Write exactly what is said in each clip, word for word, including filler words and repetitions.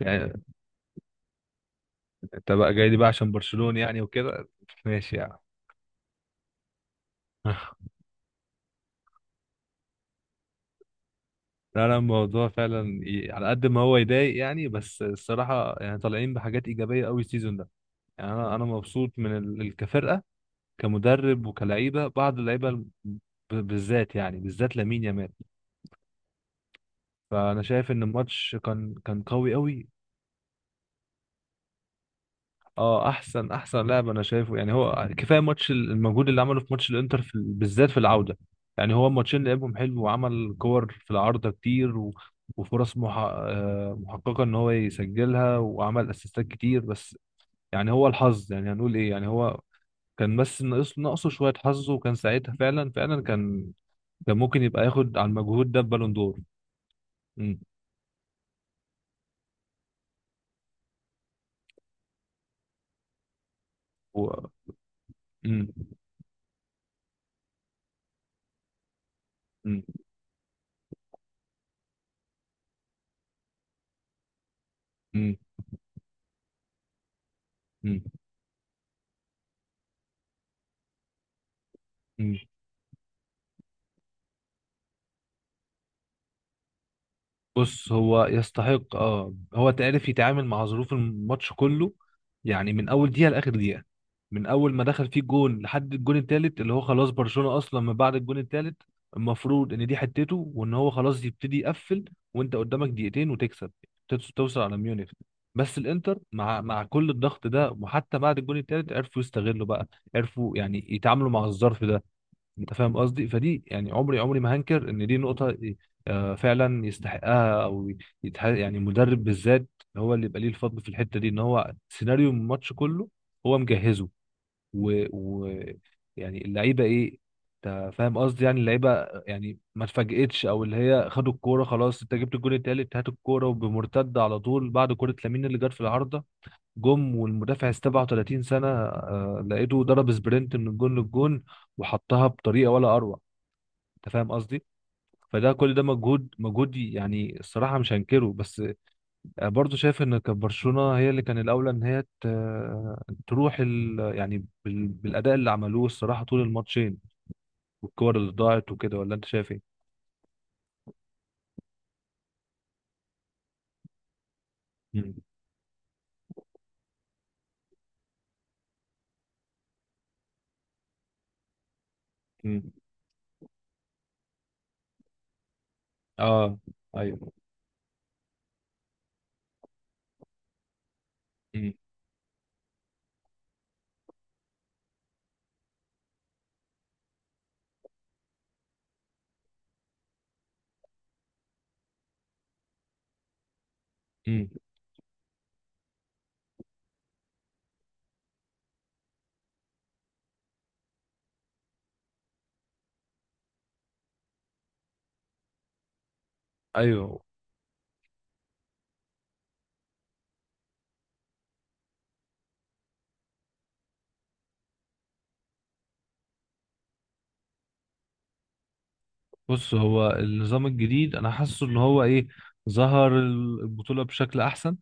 يعني انت بقى جاي لي بقى عشان برشلونة يعني وكده ماشي يعني لا لا الموضوع فعلا ي... على قد ما هو يضايق يعني بس الصراحة يعني طالعين بحاجات إيجابية قوي السيزون ده. يعني أنا أنا مبسوط من ال... ال- كفرقة، كمدرب وكلعيبة بعض اللعيبة ال- ب... بالذات يعني بالذات لامين يامال. فأنا شايف إن الماتش كان كان قوي قوي. اه، احسن احسن لاعب انا شايفه يعني. هو كفايه ماتش ال- المجهود اللي عمله في ماتش الانتر في ال- بالذات في العوده. يعني هو الماتشين لعبهم حلو وعمل كور في العارضه كتير و... وفرص مح... آه، محققه ان هو يسجلها، وعمل اسيستات كتير. بس يعني هو الحظ، يعني هنقول ايه، يعني هو كان بس ناقص ناقصه شويه حظ. وكان ساعتها فعلا فعلا كان كان ممكن يبقى ياخد على المجهود ده بالون دور. امم و... امم امم امم بص، هو يستحق اه. هو تعرف يتعامل مع ظروف الماتش كله، يعني من اول دقيقه لاخر دقيقه، من اول ما دخل فيه جون لحد الجون التالت. اللي هو خلاص برشلونه اصلا من بعد الجون التالت المفروض ان دي حتته وان هو خلاص يبتدي يقفل، وانت قدامك دقيقتين وتكسب، تت- توصل على ميونخ. بس الانتر مع مع كل الضغط ده وحتى بعد الجون التالت عرفوا يستغلوا بقى، عرفوا يعني يتعاملوا مع الظرف ده. انت فاهم قصدي؟ فدي يعني عمري عمري ما هنكر ان دي نقطه آه، فعلا يستحقها. او يتح... يعني مدرب بالذات هو اللي يبقى ليه الفضل في الحته دي، ان هو سيناريو الماتش كله هو مجهزه. و... و... يعني اللعيبه ايه، انت فاهم قصدي؟ يعني اللعيبه يعني ما اتفاجئتش، او اللي هي خدوا الكوره خلاص، انت جبت الجون التالت، هات الكوره وبمرتده على طول بعد كوره لامين اللي جت في العارضه. جم والمدافع سبعة وتلاتين سنه آه، لقيته ضرب سبرنت من الجون للجون وحطها بطريقه ولا اروع. انت فاهم قصدي؟ فده كل ده مجهود مجهود يعني الصراحه مش هنكره. بس برضه شايف ان كانت برشلونه هي اللي كان الاولى ان هي ت- تروح ال يعني بال- بالاداء اللي عملوه الصراحه طول الماتشين، والكور اللي ضاعت وكده. ولا انت شايف ايه؟ مم. مم. اه. ايوه. مم. مم. ايوه. بص، هو النظام الجديد انا حاسه ان هو ايه، ظهر البطوله بشكل احسن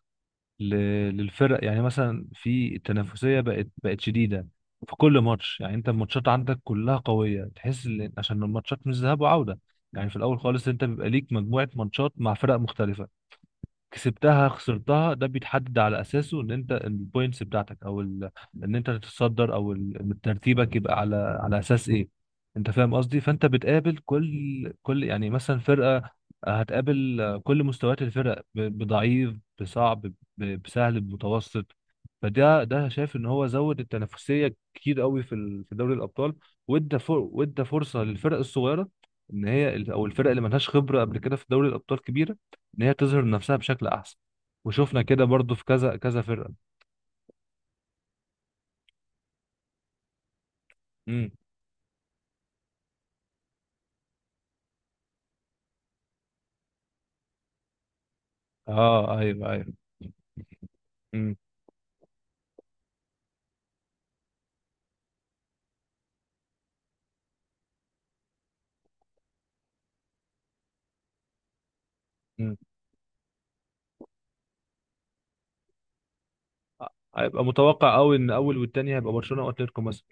ل- للفرق. يعني مثلا في التنافسيه بقت بقت شديده في كل ماتش. يعني انت الماتشات عندك كلها قويه، تحس ان عشان الماتشات مش ذهاب وعوده. يعني في الاول خالص انت بيبقى ليك مجموعه ماتشات مع فرق مختلفه، كسبتها خسرتها، ده بيتحدد على اساسه ان انت البوينتس بتاعتك او ال... ان انت تتصدر، او ال- ترتيبك يبقى على على اساس ايه. انت فاهم قصدي؟ فانت بتقابل كل كل يعني مثلا فرقه آه، هتقابل كل مستويات الفرق، ب... بضعيف، بصعب، ب... بسهل، بمتوسط. فده ده شايف ان هو زود التنافسيه كتير قوي في ال... في دوري الابطال، وادى فر... وادى فرصه للفرق الصغيره ان هي، او الفرق اللي ملهاش خبره قبل كده في دوري الابطال كبيره، ان هي تظهر نفسها بشكل احسن. وشفنا كده برضو في كذا كذا فرقه. امم. اه. ايوه ايوه. امم. امم. هيبقى متوقع قوي ان اول والتاني هيبقى برشلونه واتلتيكو مثلا.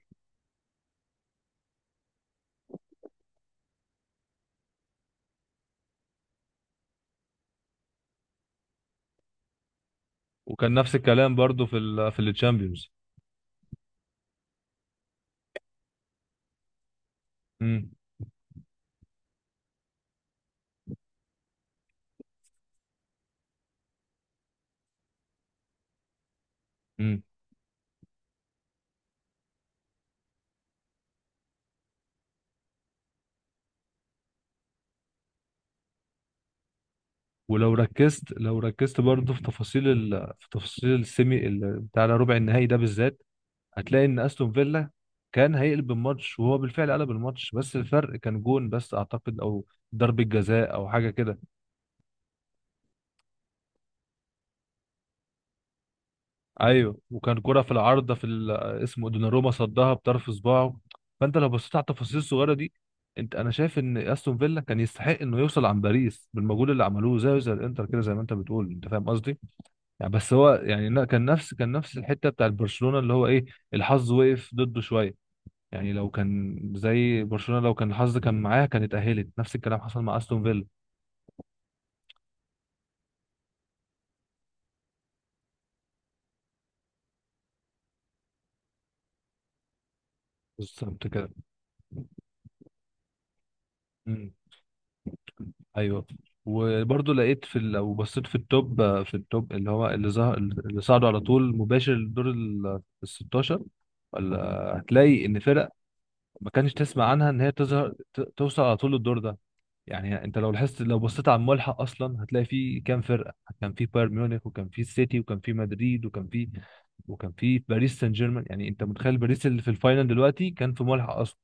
وكان نفس الكلام برضو في ال في التشامبيونز. امم. امم. ولو ركزت لو ركزت برضو في تفاصيل ال في تفاصيل السيمي ال- بتاع ربع النهائي ده بالذات، هتلاقي ان استون فيلا كان هيقلب الماتش، وهو بالفعل قلب الماتش. بس الفرق كان جون بس اعتقد، او ضربة جزاء او حاجة كده. ايوه، وكان كرة في العارضة في ال- اسمه دوناروما صدها بطرف صباعه. فانت لو بصيت على التفاصيل الصغيرة دي، انت انا شايف ان استون فيلا كان يستحق انه يوصل عن باريس بالمجهود اللي عملوه زيه زي الانتر كده زي ما انت بتقول. انت فاهم قصدي؟ يعني بس هو يعني لا، كان نفس كان نفس الحتة بتاع برشلونة، اللي هو ايه، الحظ وقف ضده شوية. يعني لو كان زي برشلونة، لو كان الحظ كان معاها، كانت اتأهلت. نفس الكلام حصل مع استون فيلا. بالظبط كده. ايوه. وبرضه لقيت في ال- لو بصيت في التوب، في التوب اللي هو اللي ظهر، اللي صعدوا على طول مباشر لدور ال ال الستاشر، ولا هتلاقي ان فرق ما كانش تسمع عنها ان هي تظهر، ت- توصل على طول للدور ده. يعني انت لو لاحظت، لو بصيت على الملحق اصلا، هتلاقي في كام فرقه: كان في بايرن ميونخ، وكان في السيتي، وكان في مدريد، وكان في وكان في باريس سان جيرمان. يعني انت متخيل باريس اللي في الفاينل دلوقتي كان في ملحق اصلا؟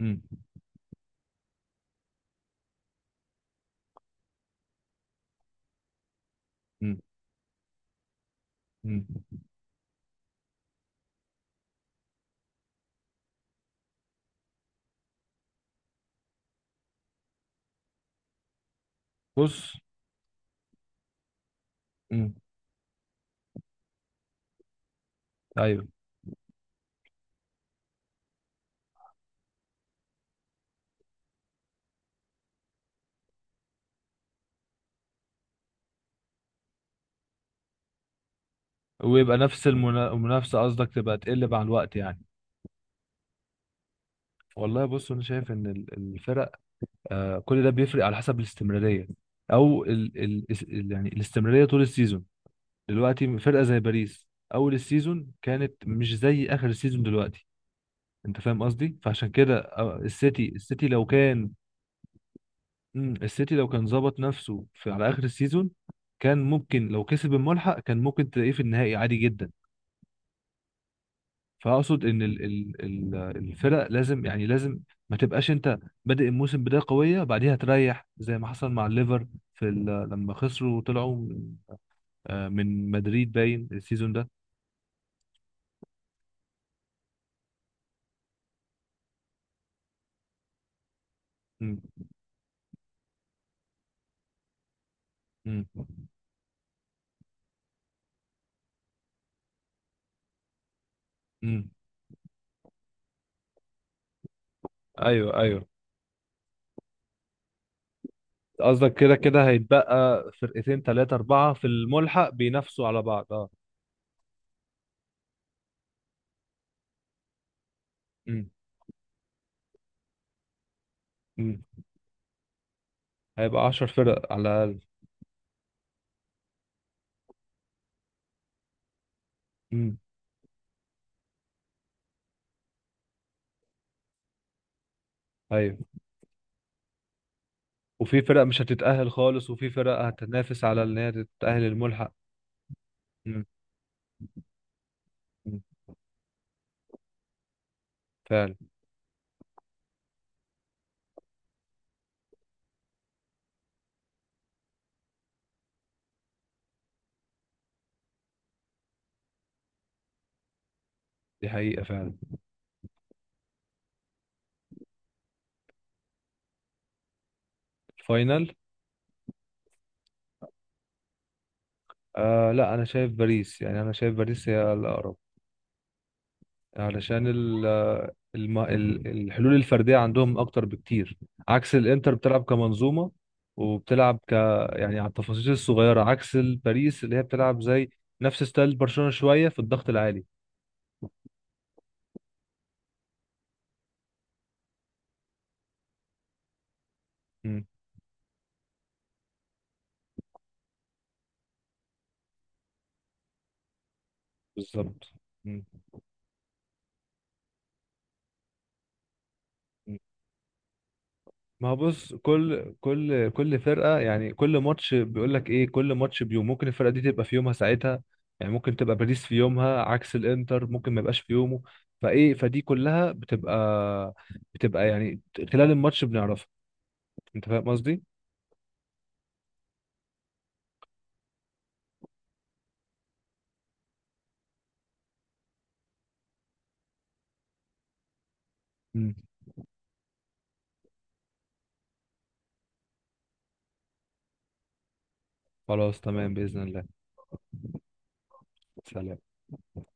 امم. امم. امم. بص. امم. ايوه. ويبقى نفس المنا- المنافسه قصدك تبقى تقل مع الوقت يعني. والله بص، انا شايف ان ال- الفرق آه، كل ده بيفرق على حسب الاستمراريه، او ال ال اس- ال- يعني الاستمراريه طول السيزون. دلوقتي فرقه زي باريس اول السيزون كانت مش زي اخر السيزون دلوقتي. انت فاهم قصدي؟ فعشان كده آه، السيتي السيتي لو كان، مم، السيتي لو كان ظبط نفسه في على اخر السيزون، كان ممكن لو كسب الملحق كان ممكن تلاقيه في النهائي عادي جدا. فاقصد ان ال ال ال الفرق لازم، يعني لازم، ما تبقاش انت بادئ الموسم بدايه قويه بعديها تريح، زي ما حصل مع الليفر في ال- لما خسروا وطلعوا من آه، من مدريد باين السيزون ده. مم. مم. مم. ايوه ايوه. قصدك كده كده هيتبقى فرقتين ثلاثه اربعه في الملحق بينافسوا على بعض، اه. مم. مم. هيبقى عشر فرق على الاقل. مم. ايوه. وفي فرق مش هتتاهل خالص، وفي فرق هتنافس على ان هي تتاهل الملحق. مم. مم. فعلا. دي حقيقة فعلا. الفاينل آه، لا، أنا شايف باريس. يعني أنا شايف باريس هي الأقرب، علشان ال الم... ال- الحلول الفردية عندهم أكتر بكتير، عكس الإنتر بتلعب كمنظومة، وبتلعب ك يعني على التفاصيل الصغيرة، عكس الباريس اللي هي بتلعب زي نفس ستايل برشلونة شوية في الضغط العالي. مم. بالظبط. مم. ما هو بص، كل كل كل فرقة يعني، كل ماتش بيقول لك ايه، كل ماتش بيوم، ممكن الفرقة دي تبقى في يومها ساعتها. يعني ممكن تبقى باريس في يومها عكس الانتر ممكن ما يبقاش في يومه. فايه، فدي كلها بتبقى بتبقى يعني خلال الماتش بنعرفها. انت فاهم قصدي؟ مم. خلاص تمام بإذن الله. سلام.